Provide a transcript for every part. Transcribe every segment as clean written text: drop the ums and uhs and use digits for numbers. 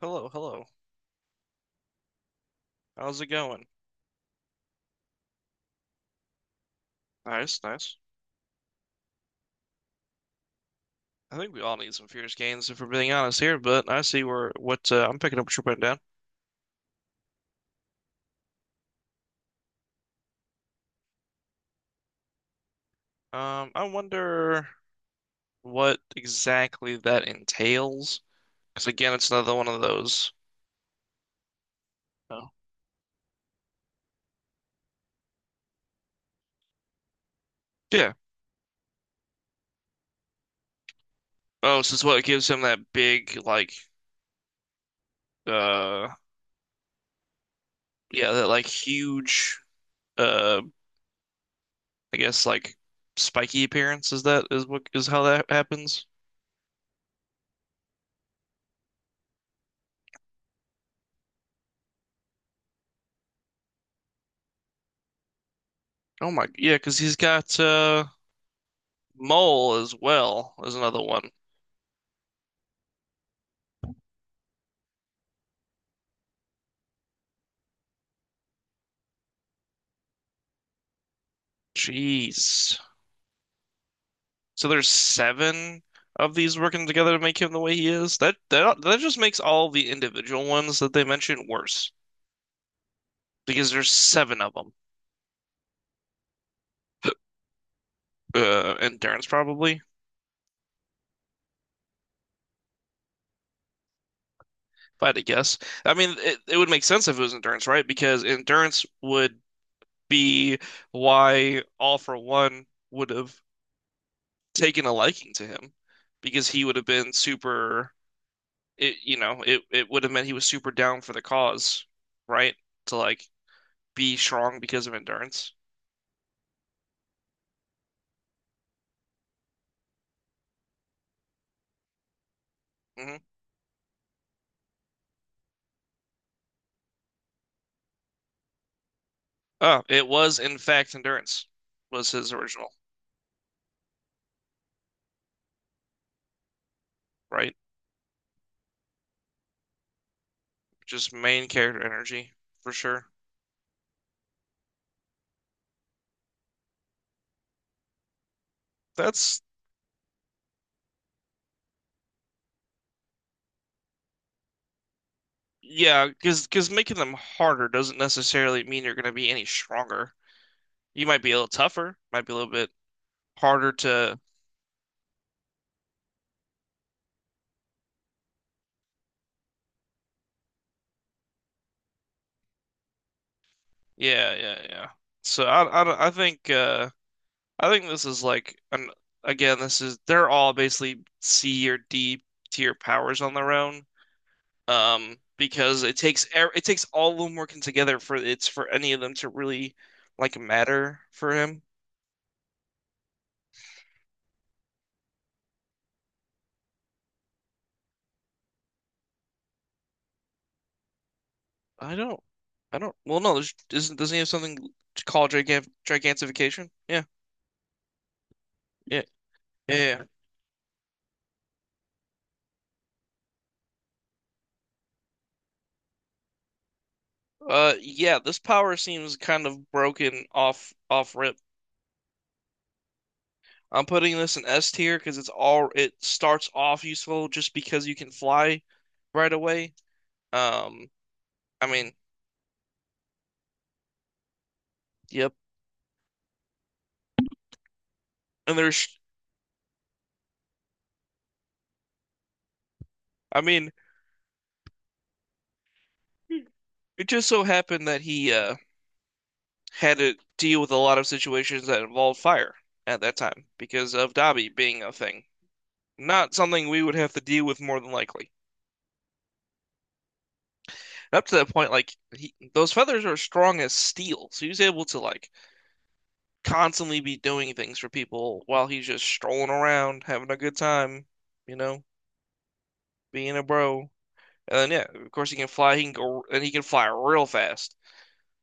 Hello, hello. How's it going? Nice, nice. I think we all need some fierce gains if we're being honest here, but I see where what I'm picking up what you're putting down. I wonder what exactly that entails, because again, it's another one of those. Oh. Yeah. Oh, so it's what gives him that uh, yeah, that like uh, I guess like spiky appearance. Is that is what is How that happens? Oh my, yeah, because he's got mole as well as another one. Jeez. So there's seven of these working together to make him the way he is. That just makes all the individual ones that they mentioned worse because there's seven of them. Endurance probably, if I had to guess. I mean, it would make sense if it was endurance, right? Because endurance would be why All for One would have taken a liking to him because he would have been super. It, you know, it would have meant he was super down for the cause, right? To like be strong because of endurance. hmm Oh, it was in fact endurance was his original, right? Just main character energy for sure. That's Yeah, because making them harder doesn't necessarily mean you're going to be any stronger. You might be a little tougher, might be a little bit harder to yeah, yeah, yeah. So I, don't- I think this is like an again this is they're all basically C or D tier powers on their own. Because it takes all of them working together for it's for any of them to really like matter for him. I don't, I don't. Well, no, isn't doesn't he have something to call gigantification? Yeah, yeah, yeah. Yeah. Yeah. Yeah. This power seems kind of broken off rip. I'm putting this in S tier because it starts off useful just because you can fly right away. Um, I mean, yep. And I mean, it just so happened that he had to deal with a lot of situations that involved fire at that time because of Dobby being a thing. Not something we would have to deal with more than likely. And up to that point, like he, those feathers are strong as steel, so he was able to like constantly be doing things for people while he's just strolling around, having a good time, you know, being a bro. And then, yeah, of course he can fly. He can go and he can fly real fast.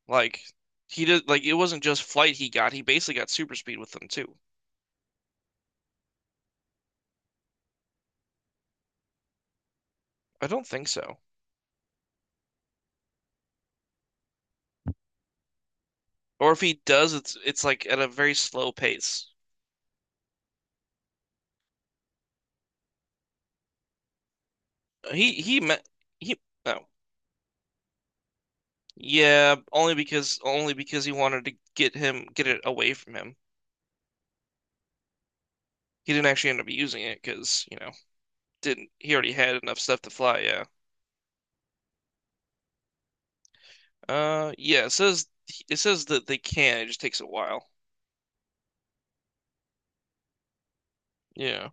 Like he did. Like it wasn't just flight he got. He basically got super speed with them too. I don't think so. Or if he does, it's like at a very slow pace. He met he No. Yeah, only because he wanted to get it away from him. He didn't actually end up using it because, you know, didn't he already had enough stuff to fly, yeah. Yeah, it says that they can, it just takes a while. Yeah.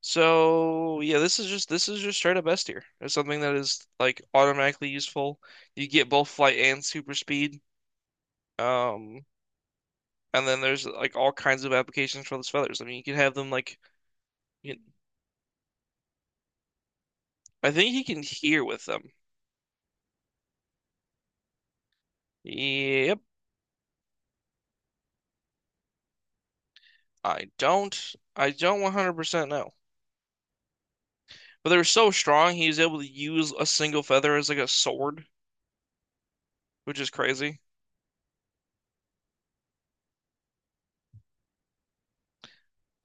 So yeah, this is just straight up S tier. It's something that is like automatically useful. You get both flight and super speed. Um And then there's like all kinds of applications for those feathers. I mean, you can have them like you can- I think he can hear with them. Yep, I don't 100% know. But they were so strong, he was able to use a single feather as like a sword, which is crazy.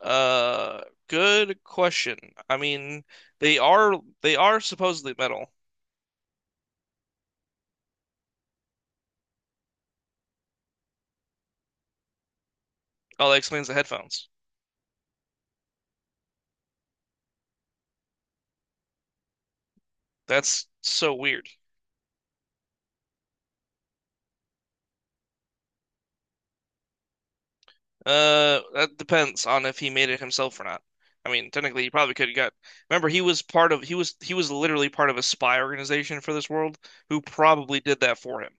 Uh, Good question. I mean, they are supposedly metal. Oh, that explains the headphones. That's so weird. That depends on if he made it himself or not. I mean, technically, he probably could have got. Remember, he was part of he was literally part of a spy organization for this world who probably did that for him.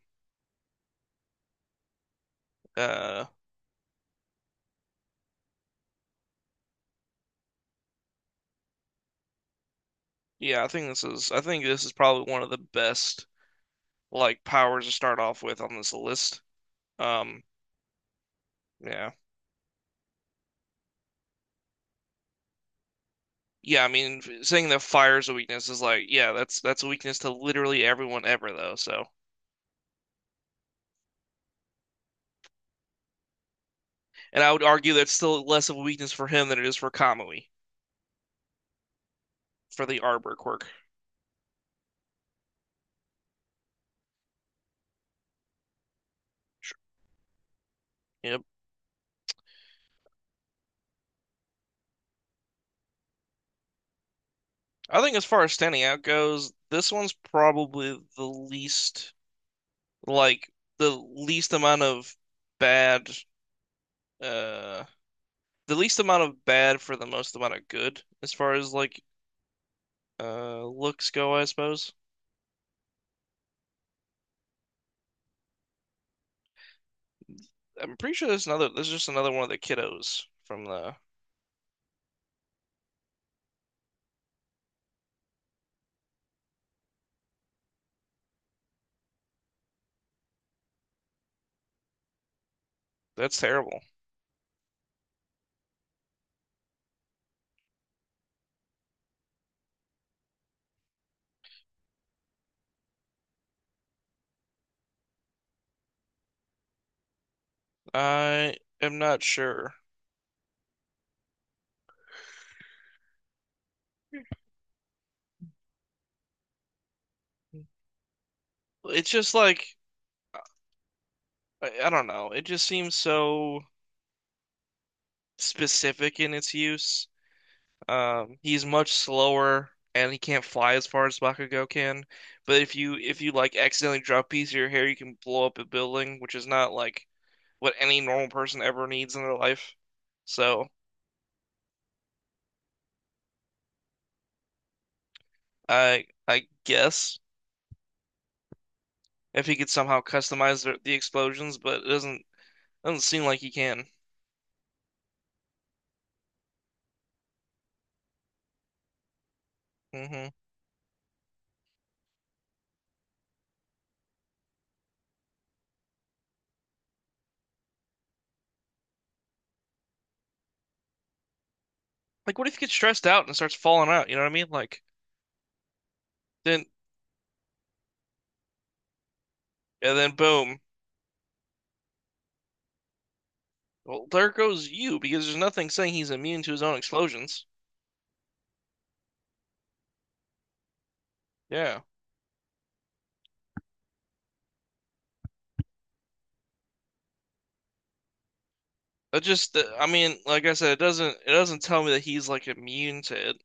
Uh, yeah, I think this is probably one of the best like powers to start off with on this list. Um, yeah, yeah. I mean, saying that fire's a weakness is like, yeah, that's a weakness to literally everyone ever though. So, and I would argue that's still less of a weakness for him than it is for Kamui for the Arbor quirk. Yep. I think as far as standing out goes, this one's probably the least like the least amount of bad uh the least amount of bad for the most amount of good as far as like looks go, I suppose. I'm pretty sure there's just another one of the kiddos from the that's terrible. I am not sure. It's just like I don't know. It just seems so specific in its use. He's much slower and he can't fly as far as Bakugo can. But if you like accidentally drop a piece of your hair, you can blow up a building, which is not like what any normal person ever needs in their life. So I guess if he could somehow customize the explosions, but it doesn't seem like he can. hmm Like what if he gets stressed out and starts falling out? You know what I mean? Like then and then boom. Well, there goes you because there's nothing saying he's immune to his own explosions. Yeah. It just, I mean, like I said, it doesn't tell me that he's like immune to it.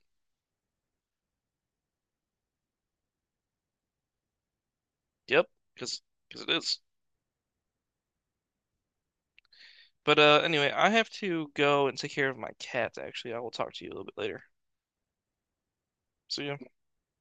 Yep, because it is. But anyway, I have to go and take care of my cat, actually. I will talk to you a little bit later. See ya.